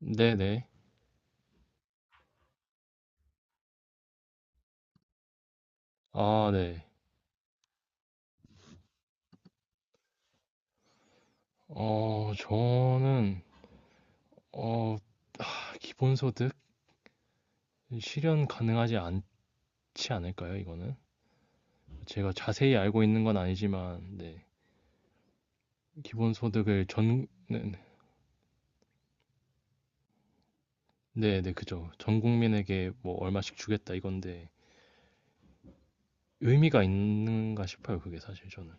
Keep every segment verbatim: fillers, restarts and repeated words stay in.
네네. 아, 네. 어, 저는, 어, 기본소득? 실현 가능하지 않지 않을까요, 이거는? 제가 자세히 알고 있는 건 아니지만, 네. 기본소득을 전, 네네. 네네, 그죠. 전 국민에게 뭐 얼마씩 주겠다 이건데, 의미가 있는가 싶어요, 그게 사실 저는.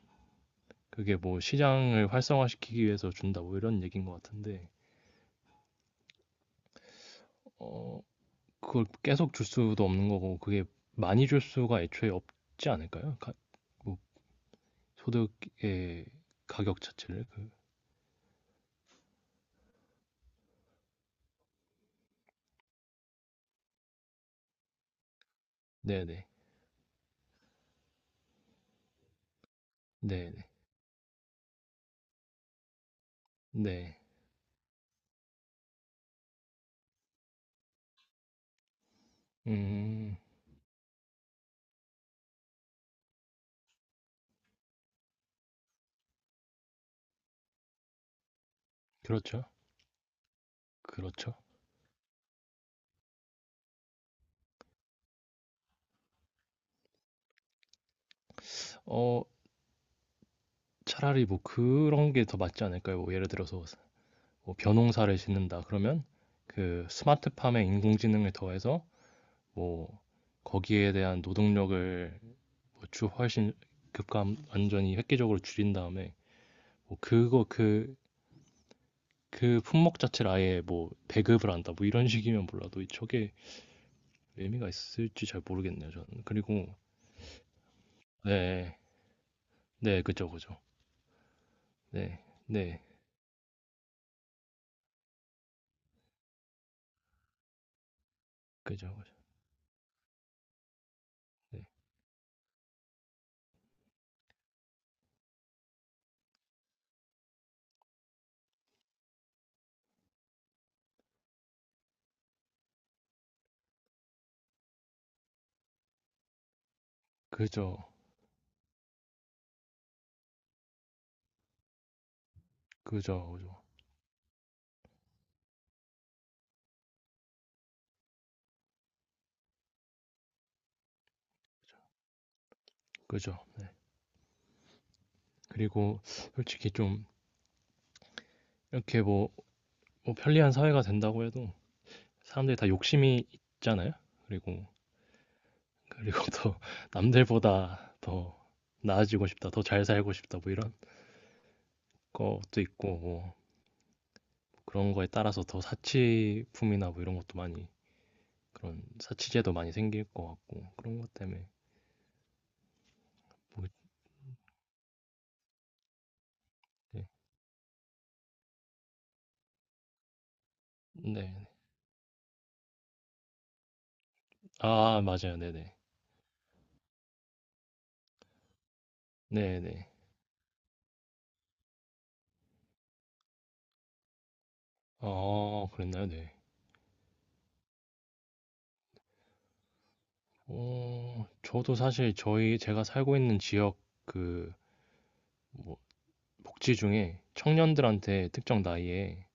그게 뭐 시장을 활성화시키기 위해서 준다, 뭐 이런 얘기인 것 같은데, 어, 그걸 계속 줄 수도 없는 거고, 그게 많이 줄 수가 애초에 없지 않을까요? 가- 뭐 소득의 가격 자체를 그 네네. 네네. 네음. 그렇죠. 그렇죠. 어 차라리 뭐 그런 게 더 맞지 않을까요? 뭐 예를 들어서 뭐 벼농사를 짓는다 그러면 그 스마트팜에 인공지능을 더해서 뭐 거기에 대한 노동력을 뭐주 훨씬 급감 완전히 획기적으로 줄인 다음에 뭐 그거 그 그 품목 자체를 아예 뭐 배급을 한다 뭐 이런 식이면 몰라도 저게 의미가 있을지 잘 모르겠네요, 저는. 그리고, 네, 네, 그죠, 그죠. 네, 네, 그죠, 그죠. 네, 그죠, 그죠, 그죠. 그죠. 네. 그리고 솔직히 좀 이렇게 뭐, 뭐 편리한 사회가 된다고 해도 사람들이 다 욕심이 있잖아요. 그리고, 그리고 더 남들보다 더 나아지고 싶다, 더 잘 살고 싶다, 뭐 이런 것도 있고, 뭐 그런 거에 따라서 더 사치품이나 뭐 이런 것도 많이, 그런 사치제도 많이 생길 것 같고, 그런 것 때문에. 뭐 네. 네. 아 맞아요. 네네. 네네. 아 그랬나요? 네. 어 저도 사실 저희 제가 살고 있는 지역 그 뭐 복지 중에 청년들한테 특정 나이에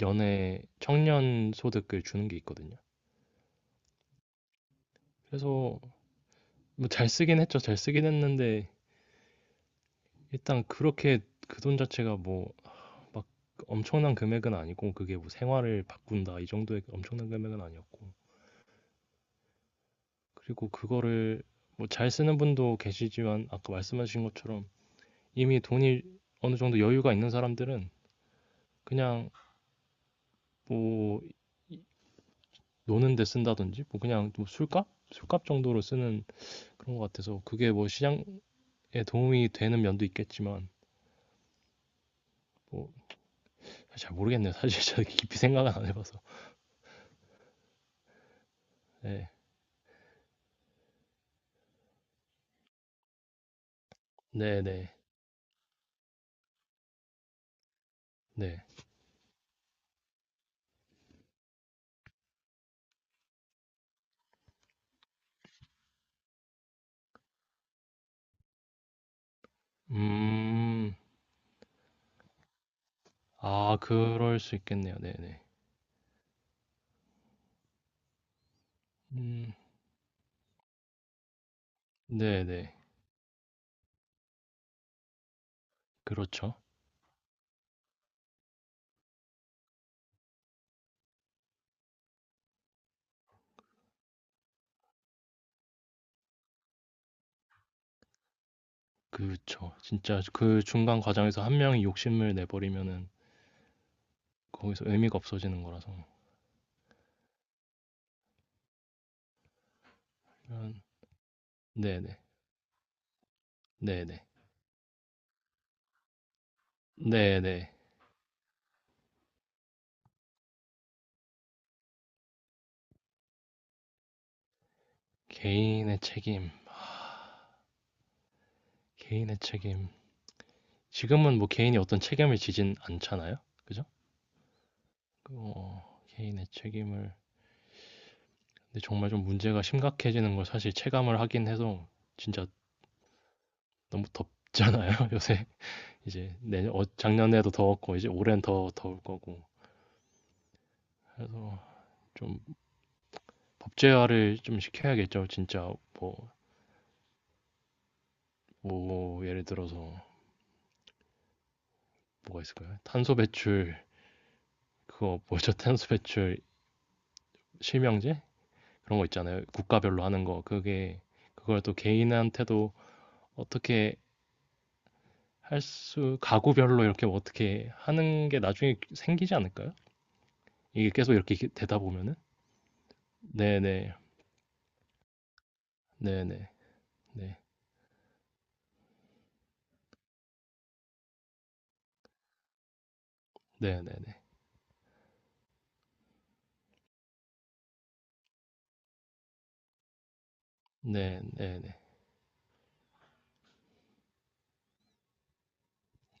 연애 청년 소득을 주는 게 있거든요. 그래서 뭐 잘 쓰긴 했죠. 잘 쓰긴 했는데 일단 그렇게 그 돈 자체가 뭐 막 엄청난 금액은 아니고 그게 뭐 생활을 바꾼다 이 정도의 엄청난 금액은 아니었고 그리고 그거를 뭐 잘 쓰는 분도 계시지만 아까 말씀하신 것처럼 이미 돈이 어느 정도 여유가 있는 사람들은 그냥 뭐 노는 데 쓴다든지 뭐 그냥 뭐 술값? 술값 정도로 쓰는 그런 것 같아서 그게 뭐 시장에 도움이 되는 면도 있겠지만 뭐 잘 모르겠네요. 사실 제가 깊이 생각은 안 해봐서. 네. 네네. 네. 네. 음. 아, 그럴 수 있겠네요. 네네. 음. 네네. 그렇죠. 그렇죠. 진짜 그 중간 과정에서 한 명이 욕심을 내버리면은 거기서 의미가 없어지는 거라서. 그 네네. 네네. 네네. 개인의 책임, 개인의 책임. 지금은 뭐 개인이 어떤 책임을 지진 않잖아요. 그죠? 그 어 개인의 책임을 근데 정말 좀 문제가 심각해지는 걸 사실 체감을 하긴 해서 진짜 너무 덥잖아요, 요새. 이제 내년 어 작년에도 더웠고 이제 올해는 더 더울 거고. 그래서 좀 법제화를 좀 시켜야겠죠. 진짜 뭐, 뭐 예를 들어서 뭐가 있을까요? 탄소 배출 그거 뭐죠? 탄소 배출 실명제 그런 거 있잖아요. 국가별로 하는 거 그게 그걸 또 개인한테도 어떻게 할 수 가구별로 이렇게 뭐 어떻게 하는 게 나중에 생기지 않을까요? 이게 계속 이렇게 되다 보면은 네네 네네 네 네네네 네네네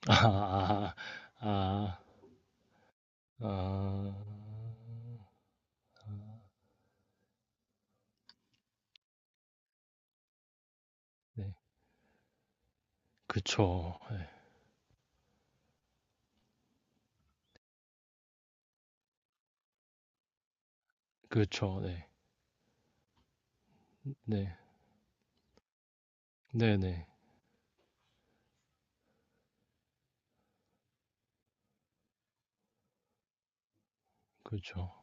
아아아아 아, 아, 아. 네. 그쵸. 예. 그렇죠 네. 네. 네네. 그죠. 렇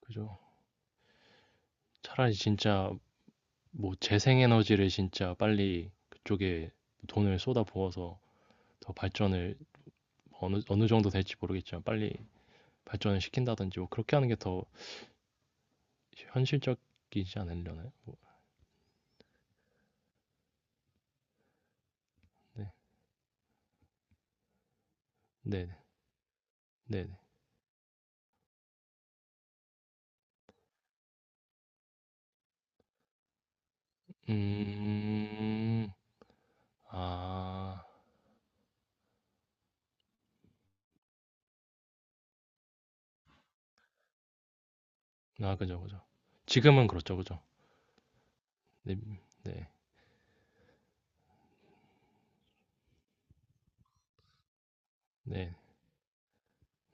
그죠. 차라리 진짜 뭐 재생에너지를 진짜 빨리 그쪽에 돈을 쏟아부어서 더 발전을 뭐 어느 어느 정도 될지 모르겠지만 빨리 발전을 시킨다든지 뭐 그렇게 하는 게 더 현실적이지 않으려나요? 네. 네. 네. 네. 음. 아. 아 그죠, 그죠. 지금은 그렇죠. 그죠. 네. 네. 네.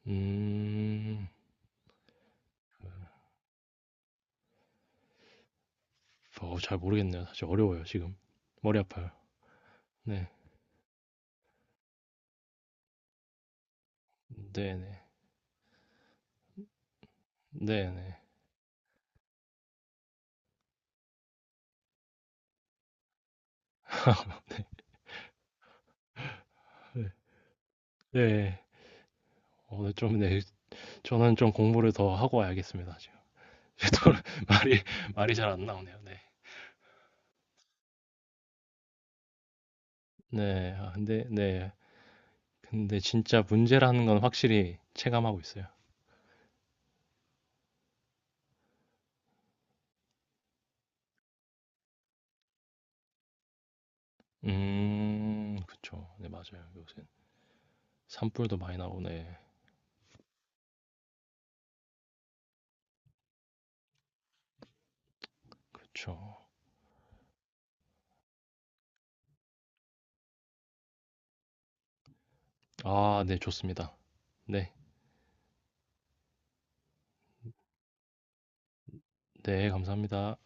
음. 어 잘 모르겠네요. 사실 어려워요, 지금. 머리 아파요. 네. 네네. 네네. 예. 예. 오늘 좀 네. 저는 좀 공부를 더 하고 와야겠습니다 지금. 또 말이 말이 잘 안 나오네요. 네. 네. 아 근데 네. 근데 진짜 문제라는 건 확실히 체감하고 있어요. 음. 그쵸. 네 맞아요. 산불도 많이 나오 네. 그쵸. 아 네 좋습니다. 네. 네 감사합니다.